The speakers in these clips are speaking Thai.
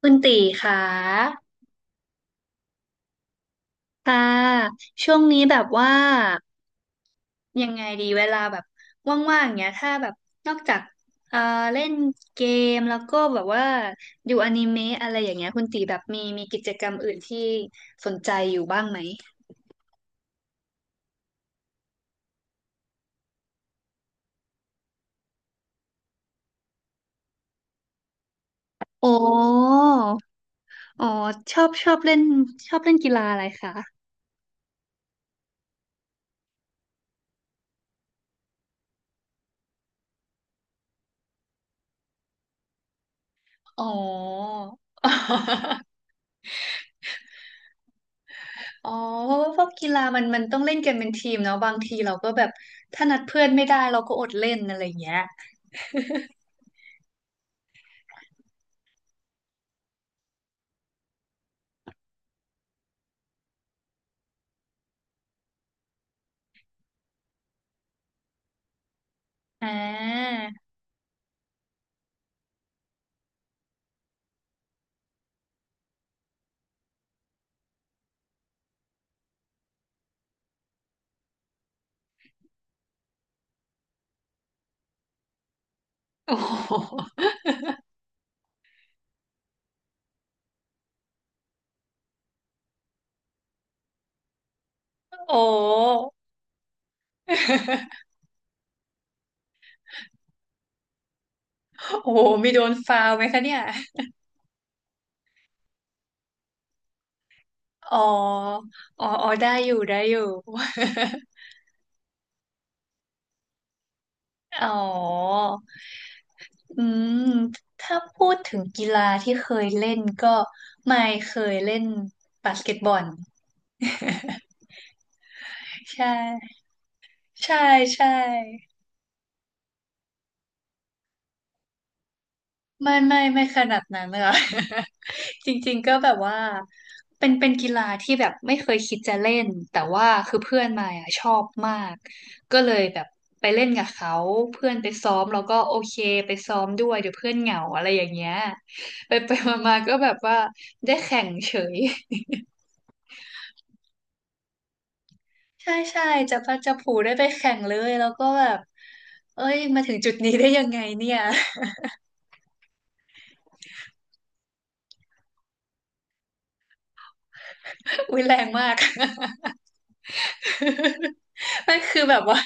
คุณตีค่ะค่ะช่วงนี้แบบว่ายังไงดีเวลาแบบว่างๆเนี้ยถ้าแบบนอกจากเอ่อเล่นเกมแล้วก็แบบว่าดูอนิเมะอะไรอย่างเงี้ยคุณตีแบบมีกิจกรรมอื่นที่สนใจอยู่บ้างไหมโอ้อ๋อชอบชอบเล่นชอบเล่นกีฬาอะไรคะอ๋อ อ๋อเพราะว่าพวกกีฬามันต้องเล่นกันเป็นทีมเนาะบางทีเราก็แบบถ้านัดเพื่อนไม่ได้เราก็อดเล่นอะไรอย่างเงี้ย อ่า โอ้โหโอ้โหโอ้โหมีโดนฟาวไหมคะเนี่ยอ๋อ อ๋อ อ๋อ ได้อยู่ ได้อยู่ อ๋ออืมถ้าพูดถึงกีฬาที่เคยเล่นก็ไม่เคยเล่นบาสเกตบอล ใช่ ใช่ ใช่ ไม่ไม่ไม่ขนาดนั้นค่ะ จริงๆก็แบบว่าเป็นกีฬาที่แบบไม่เคยคิดจะเล่นแต่ว่าคือเพื่อนมายอะชอบมากก็เลยแบบไปเล่นกับเขาเพื่อนไปซ้อมแล้วก็โอเคไปซ้อมด้วยเดี๋ยวเพื่อนเหงาอะไรอย่างเงี้ยไปมาๆก็แบบว่าได้แข่งเฉย ใช่ใช่จะพัดจะผูได้ไปแข่งเลยแล้วก็แบบเอ้ยมาถึงจุดนี้ได้ยังไงเนี่ย อุ้ยแรงมาก ไม่คือแบบว่า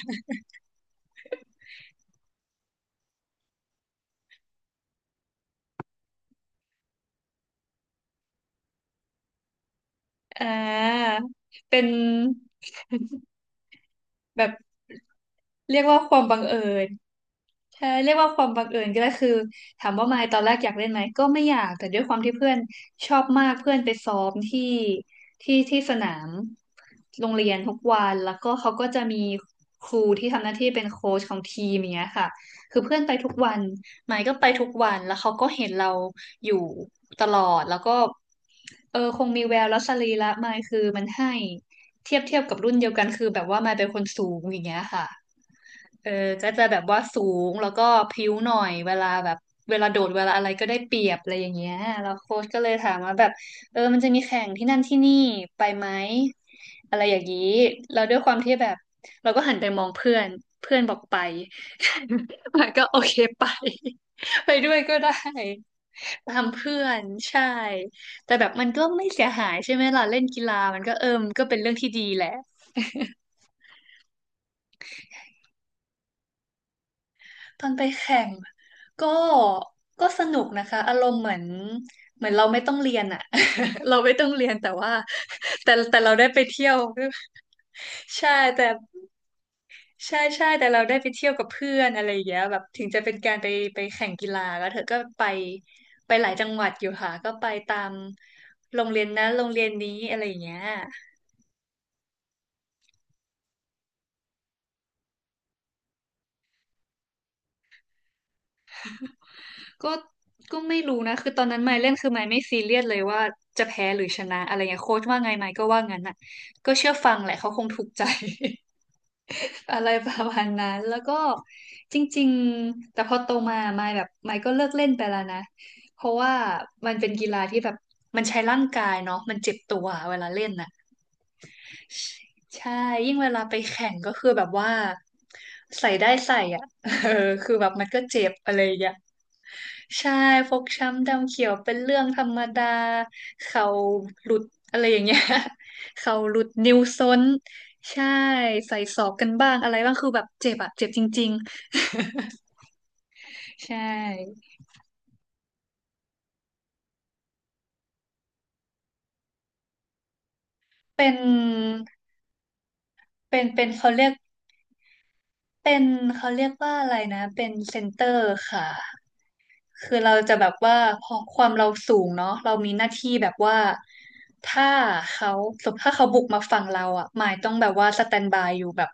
อ่าเป็นแบบเรียกว่าความบังเอิญ ใช่เรียกว่าความบังเอิญก็ได้คือถามว่ามายตอนแรกอยากเล่นไหมก็ไม่อยากแต่ด้วยความที่เพื่อนชอบมากเพื่อนไปซ้อมที่ที่สนามโรงเรียนทุกวันแล้วก็เขาก็จะมีครูที่ทำหน้าที่เป็นโค้ชของทีมอย่างเงี้ยค่ะคือเพื่อนไปทุกวันมายก็ไปทุกวันแล้วเขาก็เห็นเราอยู่ตลอดแล้วก็เออคงมีแววแล้วสรีระมายคือมันให้เทียบกับรุ่นเดียวกันคือแบบว่ามายเป็นคนสูงอย่างเงี้ยค่ะ เออก็จะแบบว่าสูงแล้วก็พริ้วหน่อยเวลาแบบเวลาโดดเวลาอะไรก็ได้เปรียบอะไรอย่างเงี้ยแล้วโค้ชก็เลยถามว่าแบบเออมันจะมีแข่งที่นั่นที่นี่ไปไหมอะไรอย่างนี้แล้วด้วยความที่แบบเราก็หันไปมองเพื่อนเพื่อนบอกไป มันก็โอเคไป ไปด้วยก็ได้ตามเพื่อนใช่แต่แบบมันก็ไม่เสียหายใช่ไหมล่ะเล่นกีฬามันก็เออมนก็เป็นเรื่องที่ดีแหละ ตอนไปแข่งก็ก็สนุกนะคะอารมณ์เหมือนเราไม่ต้องเรียนอะ เราไม่ต้องเรียนแต่ว่าแต่เราได้ไปเที่ยว ใช่แต่ใช่ใช่แต่เราได้ไปเที่ยวกับเพื่อนอะไรอย่างเงี้ยแบบถึงจะเป็นการไปไปแข่งกีฬาแล้วเธอก็ไปหลายจังหวัดอยู่ค่ะก็ไปตามโรงเรียนนั้นโรงเรียนนี้อะไรอย่างเงี้ย ก็ก็ไม่รู้นะคือตอนนั้นไมค์เล่นคือไมค์ไม่ซีเรียสเลยว่าจะแพ้หรือชนะอะไรเงี้ยโค้ชว่าไงไมค์ก็ว่างั้นน่ะก็เชื่อฟังแหละเขาคงถูกใจ อะไรประมาณนั้นแล้วก็จริงๆแต่พอโตมาไมค์แบบไมค์ก็เลิกเล่นไปแล้วนะเพราะว่ามันเป็นกีฬาที่แบบมันใช้ร่างกายเนาะมันเจ็บตัวเวลาเล่นน่ะใช่ยิ่งเวลาไปแข่งก็คือแบบว่าใส่ได้ใส่อ่ะ เออคือแบบมันก็เจ็บอะไรอย่างเงี้ย ใช่ฟกช้ำดำเขียวเป็นเรื่องธรรมดาเข่าหลุดอะไรอย่างเงี้ย เข่าหลุดนิ้วซ้นใช่ใส่ศอกกันบ้างอะไรบ้างคือแบบเจ็บอะเจ็บจริงๆใช่เป็นเป็นเป็นเขาเรียกเป็นเขาเรียกว่าอะไรนะเป็นเซนเตอร์ค่ะ คือเราจะแบบว่าพอความเราสูงเนาะเรามีหน้าที่แบบว่าถ้าเขาสมมติถ้าเขาบุกมาฝั่งเราอ่ะหมายต้องแบบว่าสแตนบายอยู่แบบ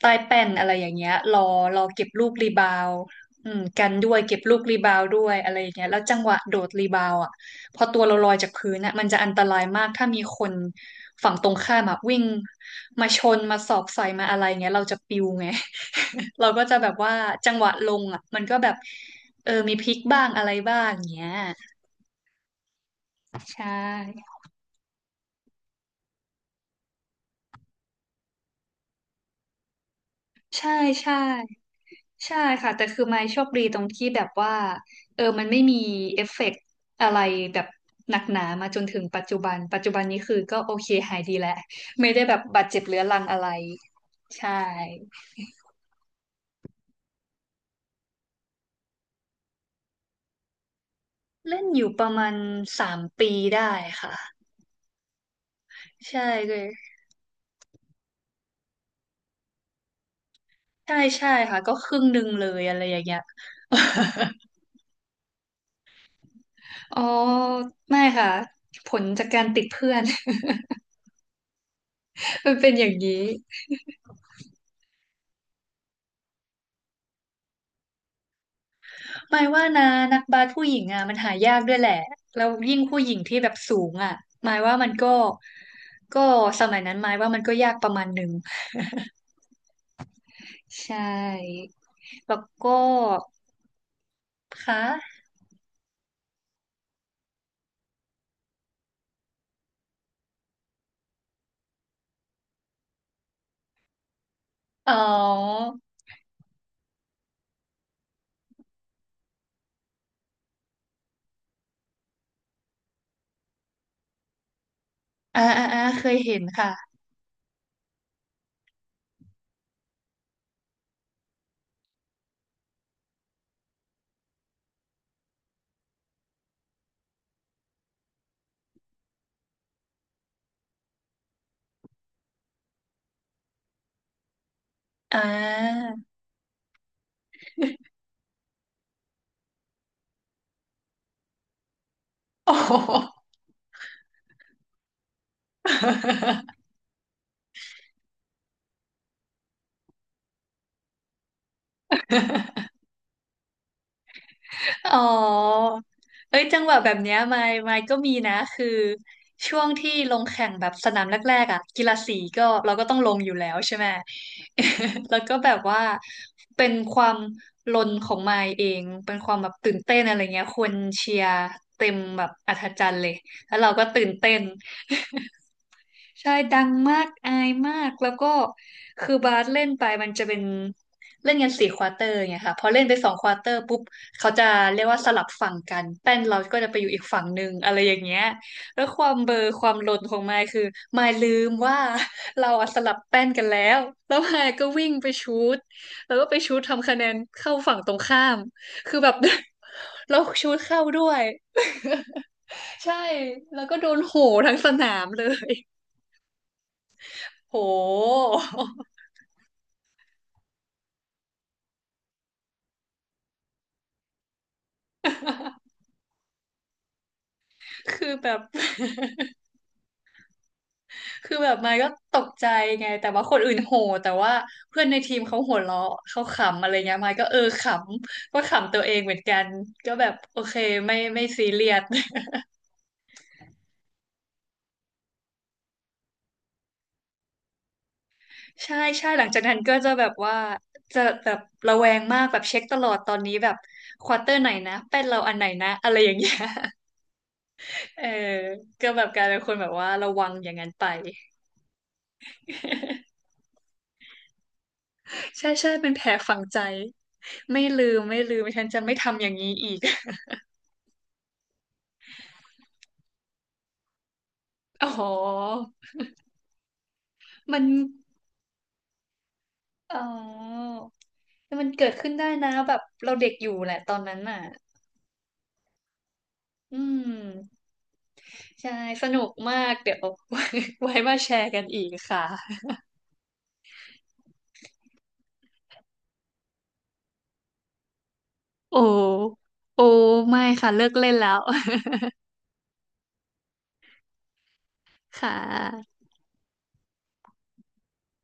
ใต้แป้นอะไรอย่างเงี้ยรอเก็บลูกรีบาวด์อืมกันด้วยเก็บลูกรีบาวด์ด้วยอะไรอย่างเงี้ยแล้วจังหวะโดดรีบาวด์อ่ะ พอตัวเราลอยจากพื้นนะมันจะอันตรายมาก ถ้ามีคนฝั่งตรงข้ามอะวิ่งมาชนมาสอบใส่มาอะไรเงี้ยเราจะปิวไง เราก็จะแบบว่าจังหวะลงอะมันก็แบบเออมีพลิกบ้างอะไรบ้างเงี้ยใช่ใช่ใช่ใช่ค่ะแต่คือไม่โชคบีตรงที่แบบว่าเออมันไม่มีเอฟเฟกต์อะไรแบบหนักหนามาจนถึงปัจจุบันนี้คือก็โอเคหายดีแล้วไม่ได้แบบบาดเจ็บเรื้อรังอะไรใช่ เล่นอยู่ประมาณ3 ปีได้ค่ะใช่เลยใช่ใช่ค่ะก็ครึ่งหนึ่งเลยอะไรอย่างเงี้ย อ๋อไม่ค่ะผลจากการติดเพื่อน มันเป็นอย่างนี้หมายว่านะนักบาสผู้หญิงอ่ะมันหายากด้วยแหละแล้วยิ่งผู้หญิงที่แบบสูงอ่ะหมายว่ามันก็ก็สมัยนั้นหมายว่ามันก็ยากประมาณหนึ่งใช่แล้วก็ค่ะอ๋ออ่าอ่าอ่าเคยเห็นค่ะอ่า โอ้โหอ๋อเอ้ยจังหวะแบบเนี้ยมายก็มีนะคือช่วงที่ลงแข่งแบบสนามแรกๆอ่ะกีฬาสีก็เราก็ต้องลงอยู่แล้วใช่ไหม แล้วก็แบบว่าเป็นความลนของมายเองเป็นความแบบตื่นเต้นอะไรเงี้ยคนเชียร์เต็มแบบอัศจรรย์เลยแล้วเราก็ตื่นเต้น ใช่ดังมากอายมากแล้วก็คือบาสเล่นไปมันจะเป็นเล่นกันสี่ควอเตอร์ไงค่ะพอเล่นไปสองควอเตอร์ปุ๊บเขาจะเรียกว่าสลับฝั่งกันแป้นเราก็จะไปอยู่อีกฝั่งหนึ่งอะไรอย่างเงี้ยแล้วความเบลอความหลนของมายคือมายลืมว่า เราอะสลับแป้นกันแล้วแล้วมายก็วิ่งไปชูตแล้วก็ไปชูตทำคะแนนเข้าฝั่งตรงข้ามคือแบบ เราชูตเข้าด้วยใช่แล้วก็โดนโหทั้งสนามเลยโห คือแบบ คือแบบมายก็ตกใจไงแต่ว่าคนอื่นโห่แต่ว่าเพื่อนในทีมเขาหัวเราะเขาขำอะไรเงี้ยมายก็เออขำก็ขำตัวเองเหมือนกันก็แบบโอเคไม่ซีเรียส ใช่ใช่หลังจากนั้นก็จะแบบว่าจะแบบระแวงมากแบบเช็คตลอดตอนนี้แบบควอเตอร์ไหนนะเป็นเราอันไหนนะอะไรอย่างเงี้ย เออก็แบบกลายเป็นคนแบบว่าระวังอย่างนั้นไป ใช่ใช่เป็นแผลฝังใจ ไม่ลืมไม่ลืมฉันจะไม่ทำอย่างนี้อีก อ๋อ มัน อ๋อ มันเกิดขึ้นได้นะแบบเราเด็กอยู่แหละตอนนั้นน่ะอืมใช่สนุกมากเดี๋ยว ไว้มาแชร์กันอีกค่ะโอ้โอ้ไม่ค่ะเลิกเล่นแล้ว ค่ะ